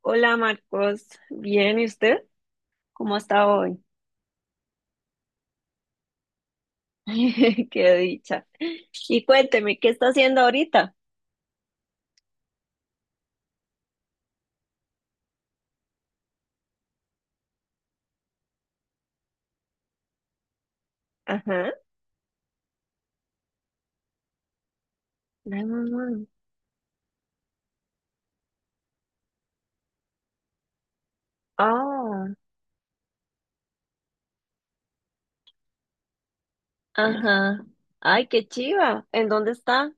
Hola Marcos, bien, ¿y usted? ¿Cómo está hoy? Qué dicha. Y cuénteme, ¿qué está haciendo ahorita? Ajá. 911. Ah, ajá. Ay, qué chiva. ¿En dónde está?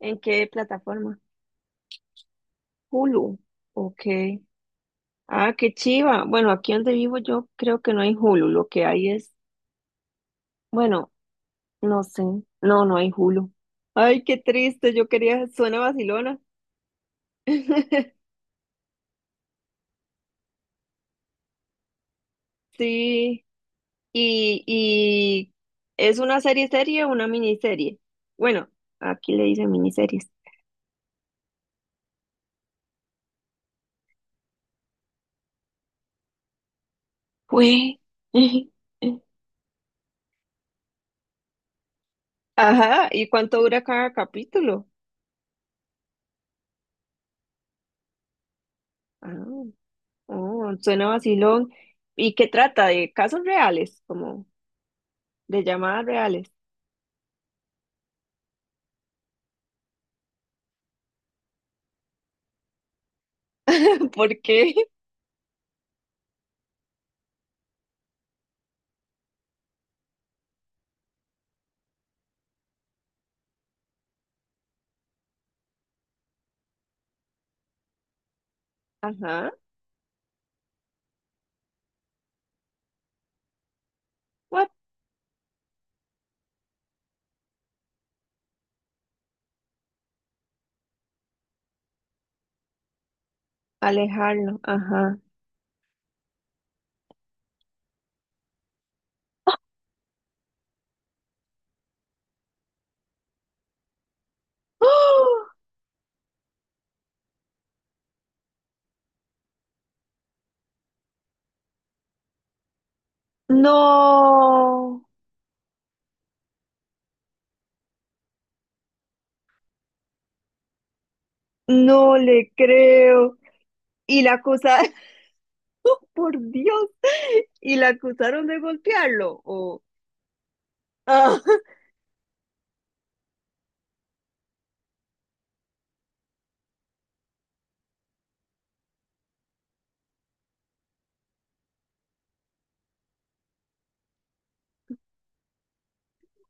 ¿En qué plataforma? Hulu. Ok. Ah, qué chiva. Bueno, aquí donde vivo yo creo que no hay Hulu. Lo que hay es, bueno, no sé. No, no hay Hulu. Ay, qué triste. Yo quería, suena vacilona. Sí, y es una serie serie o una miniserie. Bueno, aquí le dicen miniseries. Fue. Ajá, ¿y cuánto dura cada capítulo? Ah, oh, suena vacilón. ¿Y qué trata? ¿De casos reales? Como de llamadas reales. ¿Por qué? Ajá. What? Alejarlo. Ajá. ¡Oh! No, no le creo. ¿Y la acusada? Por Dios, y la acusaron de golpearlo, o, ah,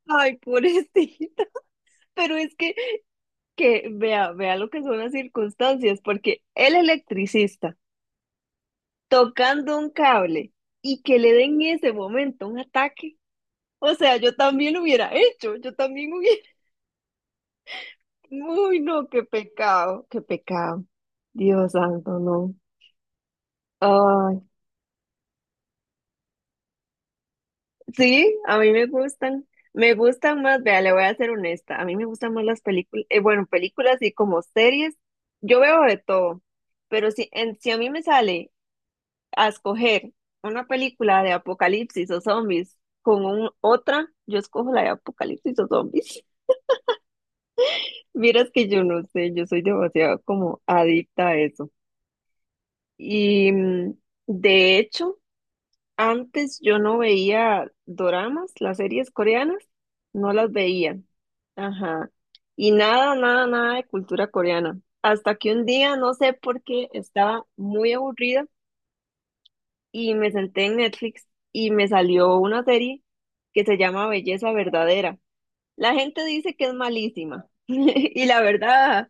ay, pobrecita. Pero es que vea, vea lo que son las circunstancias, porque el electricista tocando un cable y que le den en ese momento un ataque. O sea, yo también lo hubiera hecho, yo también hubiera. Uy, no, qué pecado, Dios santo, no. Sí, a mí me gustan. Me gustan más, vea, le voy a ser honesta. A mí me gustan más las películas, bueno, películas y como series. Yo veo de todo, pero si a mí me sale a escoger una película de apocalipsis o zombies con otra, yo escojo la de apocalipsis o zombies. Vieras que yo no sé, yo soy demasiado como adicta a eso. Y de hecho. Antes yo no veía doramas, las series coreanas, no las veía. Ajá. Y nada, nada, nada de cultura coreana. Hasta que un día, no sé por qué, estaba muy aburrida y me senté en Netflix y me salió una serie que se llama Belleza Verdadera. La gente dice que es malísima y la verdad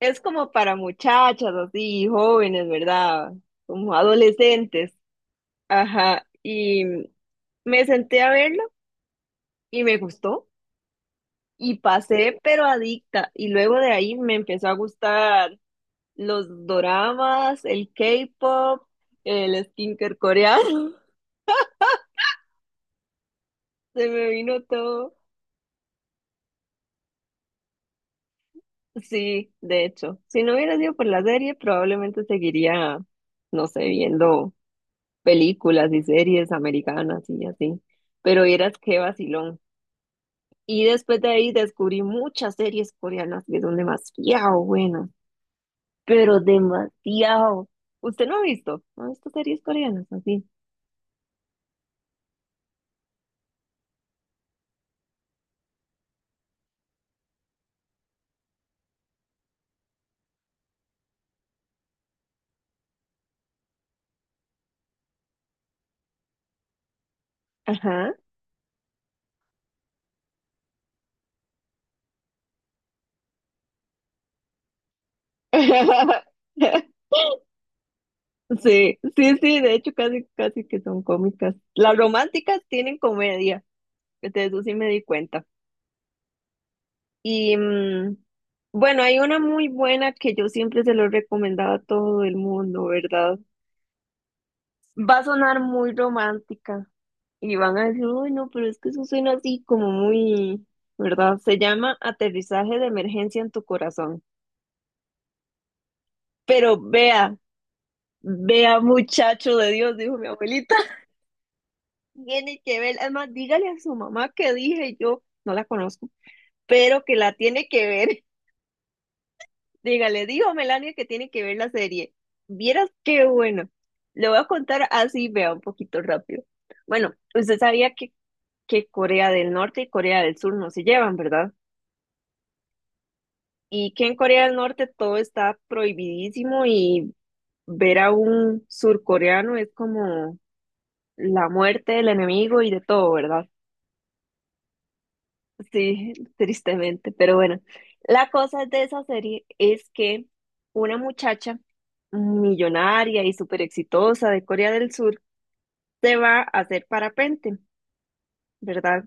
es como para muchachas así, jóvenes, ¿verdad? Como adolescentes. Ajá, y me senté a verlo y me gustó y pasé pero adicta y luego de ahí me empezó a gustar los doramas, el K-pop, el skincare coreano. Se me vino todo. Sí, de hecho, si no hubiera sido por la serie, probablemente seguiría, no sé, viendo películas y series americanas y así, pero vieras qué vacilón. Y después de ahí descubrí muchas series coreanas que son demasiado buenas, pero demasiado. ¿Usted no ha visto? ¿No ha visto series coreanas así? Ajá. Sí, sí, sí, de hecho casi, casi que son cómicas. Las románticas tienen comedia, de eso sí me di cuenta. Y bueno, hay una muy buena que yo siempre se lo recomendaba a todo el mundo, ¿verdad? Va a sonar muy romántica y van a decir, uy, no, pero es que eso suena así como muy, ¿verdad? Se llama Aterrizaje de emergencia en tu corazón. Pero vea, vea, muchacho de Dios, dijo mi abuelita. Tiene que ver. Además, dígale a su mamá que dije yo, no la conozco, pero que la tiene que ver. Dígale, dijo Melania que tiene que ver la serie. Vieras qué bueno. Le voy a contar así, vea, un poquito rápido. Bueno, usted sabía que Corea del Norte y Corea del Sur no se llevan, ¿verdad? Y que en Corea del Norte todo está prohibidísimo y ver a un surcoreano es como la muerte del enemigo y de todo, ¿verdad? Sí, tristemente, pero bueno. La cosa de esa serie es que una muchacha millonaria y súper exitosa de Corea del Sur se va a hacer parapente, ¿verdad?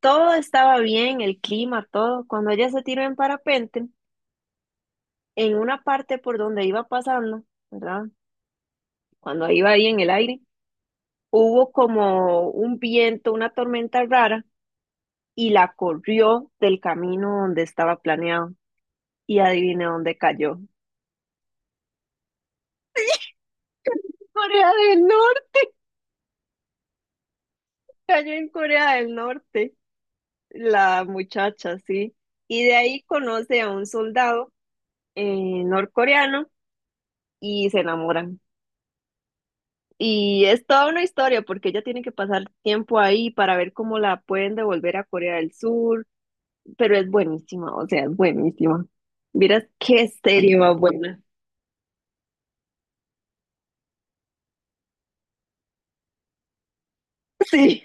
Todo estaba bien, el clima, todo. Cuando ella se tiró en parapente, en una parte por donde iba pasando, ¿verdad? Cuando iba ahí en el aire, hubo como un viento, una tormenta rara y la corrió del camino donde estaba planeado. Y adivine dónde cayó. Corea del Norte, cayó en Corea del Norte, la muchacha, sí. Y de ahí conoce a un soldado norcoreano y se enamoran. Y es toda una historia porque ella tiene que pasar tiempo ahí para ver cómo la pueden devolver a Corea del Sur, pero es buenísima, o sea, es buenísima. Miras qué serie más buena. Sí,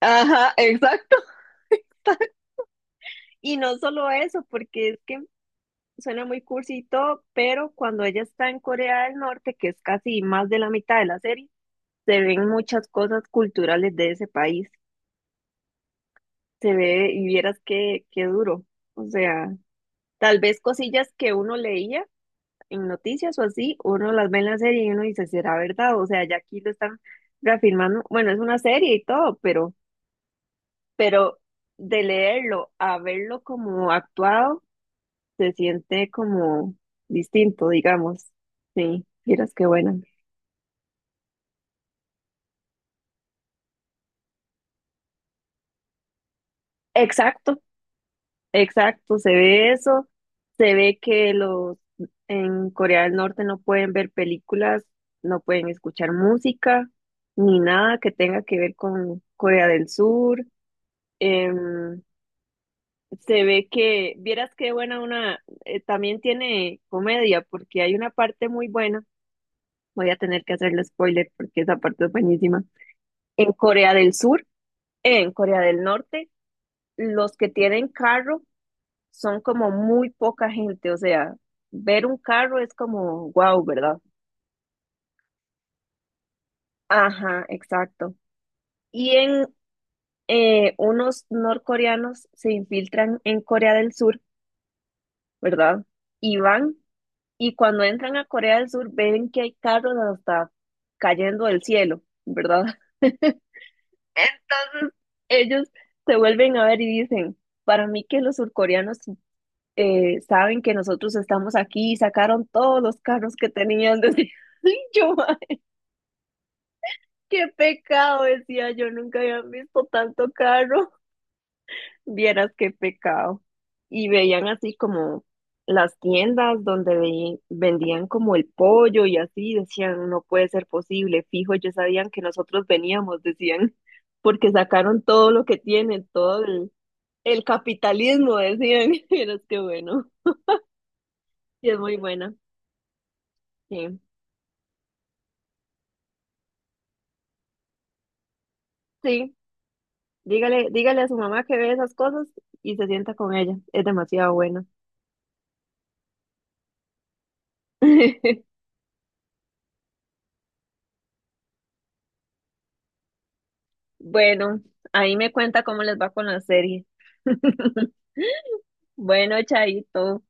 ajá, exacto. Y no solo eso, porque es que suena muy cursi y todo, pero cuando ella está en Corea del Norte, que es casi más de la mitad de la serie, se ven muchas cosas culturales de ese país. Se ve y vieras qué duro. O sea, tal vez cosillas que uno leía en noticias o así, uno las ve en la serie y uno dice, ¿será verdad? O sea, ya aquí lo están reafirmando. Bueno, es una serie y todo, pero de leerlo a verlo como actuado, se siente como distinto, digamos. Sí, miras qué buena. Exacto, exacto, se ve eso, se ve que los en Corea del Norte no pueden ver películas, no pueden escuchar música, ni nada que tenga que ver con Corea del Sur, em, se ve que, vieras qué buena una, también tiene comedia, porque hay una parte muy buena, voy a tener que hacerle spoiler porque esa parte es buenísima. En Corea del Sur, en Corea del Norte, los que tienen carro son como muy poca gente, o sea, ver un carro es como wow, ¿verdad? Ajá, exacto. Y en unos norcoreanos se infiltran en Corea del Sur, ¿verdad? Y van. Y cuando entran a Corea del Sur, ven que hay carros hasta cayendo del cielo, ¿verdad? Entonces, ellos se vuelven a ver y dicen, para mí que los surcoreanos saben que nosotros estamos aquí y sacaron todos los carros que tenían. Decía, "Ay, qué pecado, decía yo, nunca había visto tanto carro. Vieras qué pecado. Y veían así como las tiendas donde vendían como el pollo y así, decían, no puede ser posible, fijo, ellos sabían que nosotros veníamos, decían, porque sacaron todo lo que tienen, todo el capitalismo, decían. Vieras qué bueno. Y es muy buena. Sí, sí, dígale, dígale a su mamá que ve esas cosas y se sienta con ella, es demasiado buena. Bueno, ahí me cuenta cómo les va con la serie. Bueno, Chaito.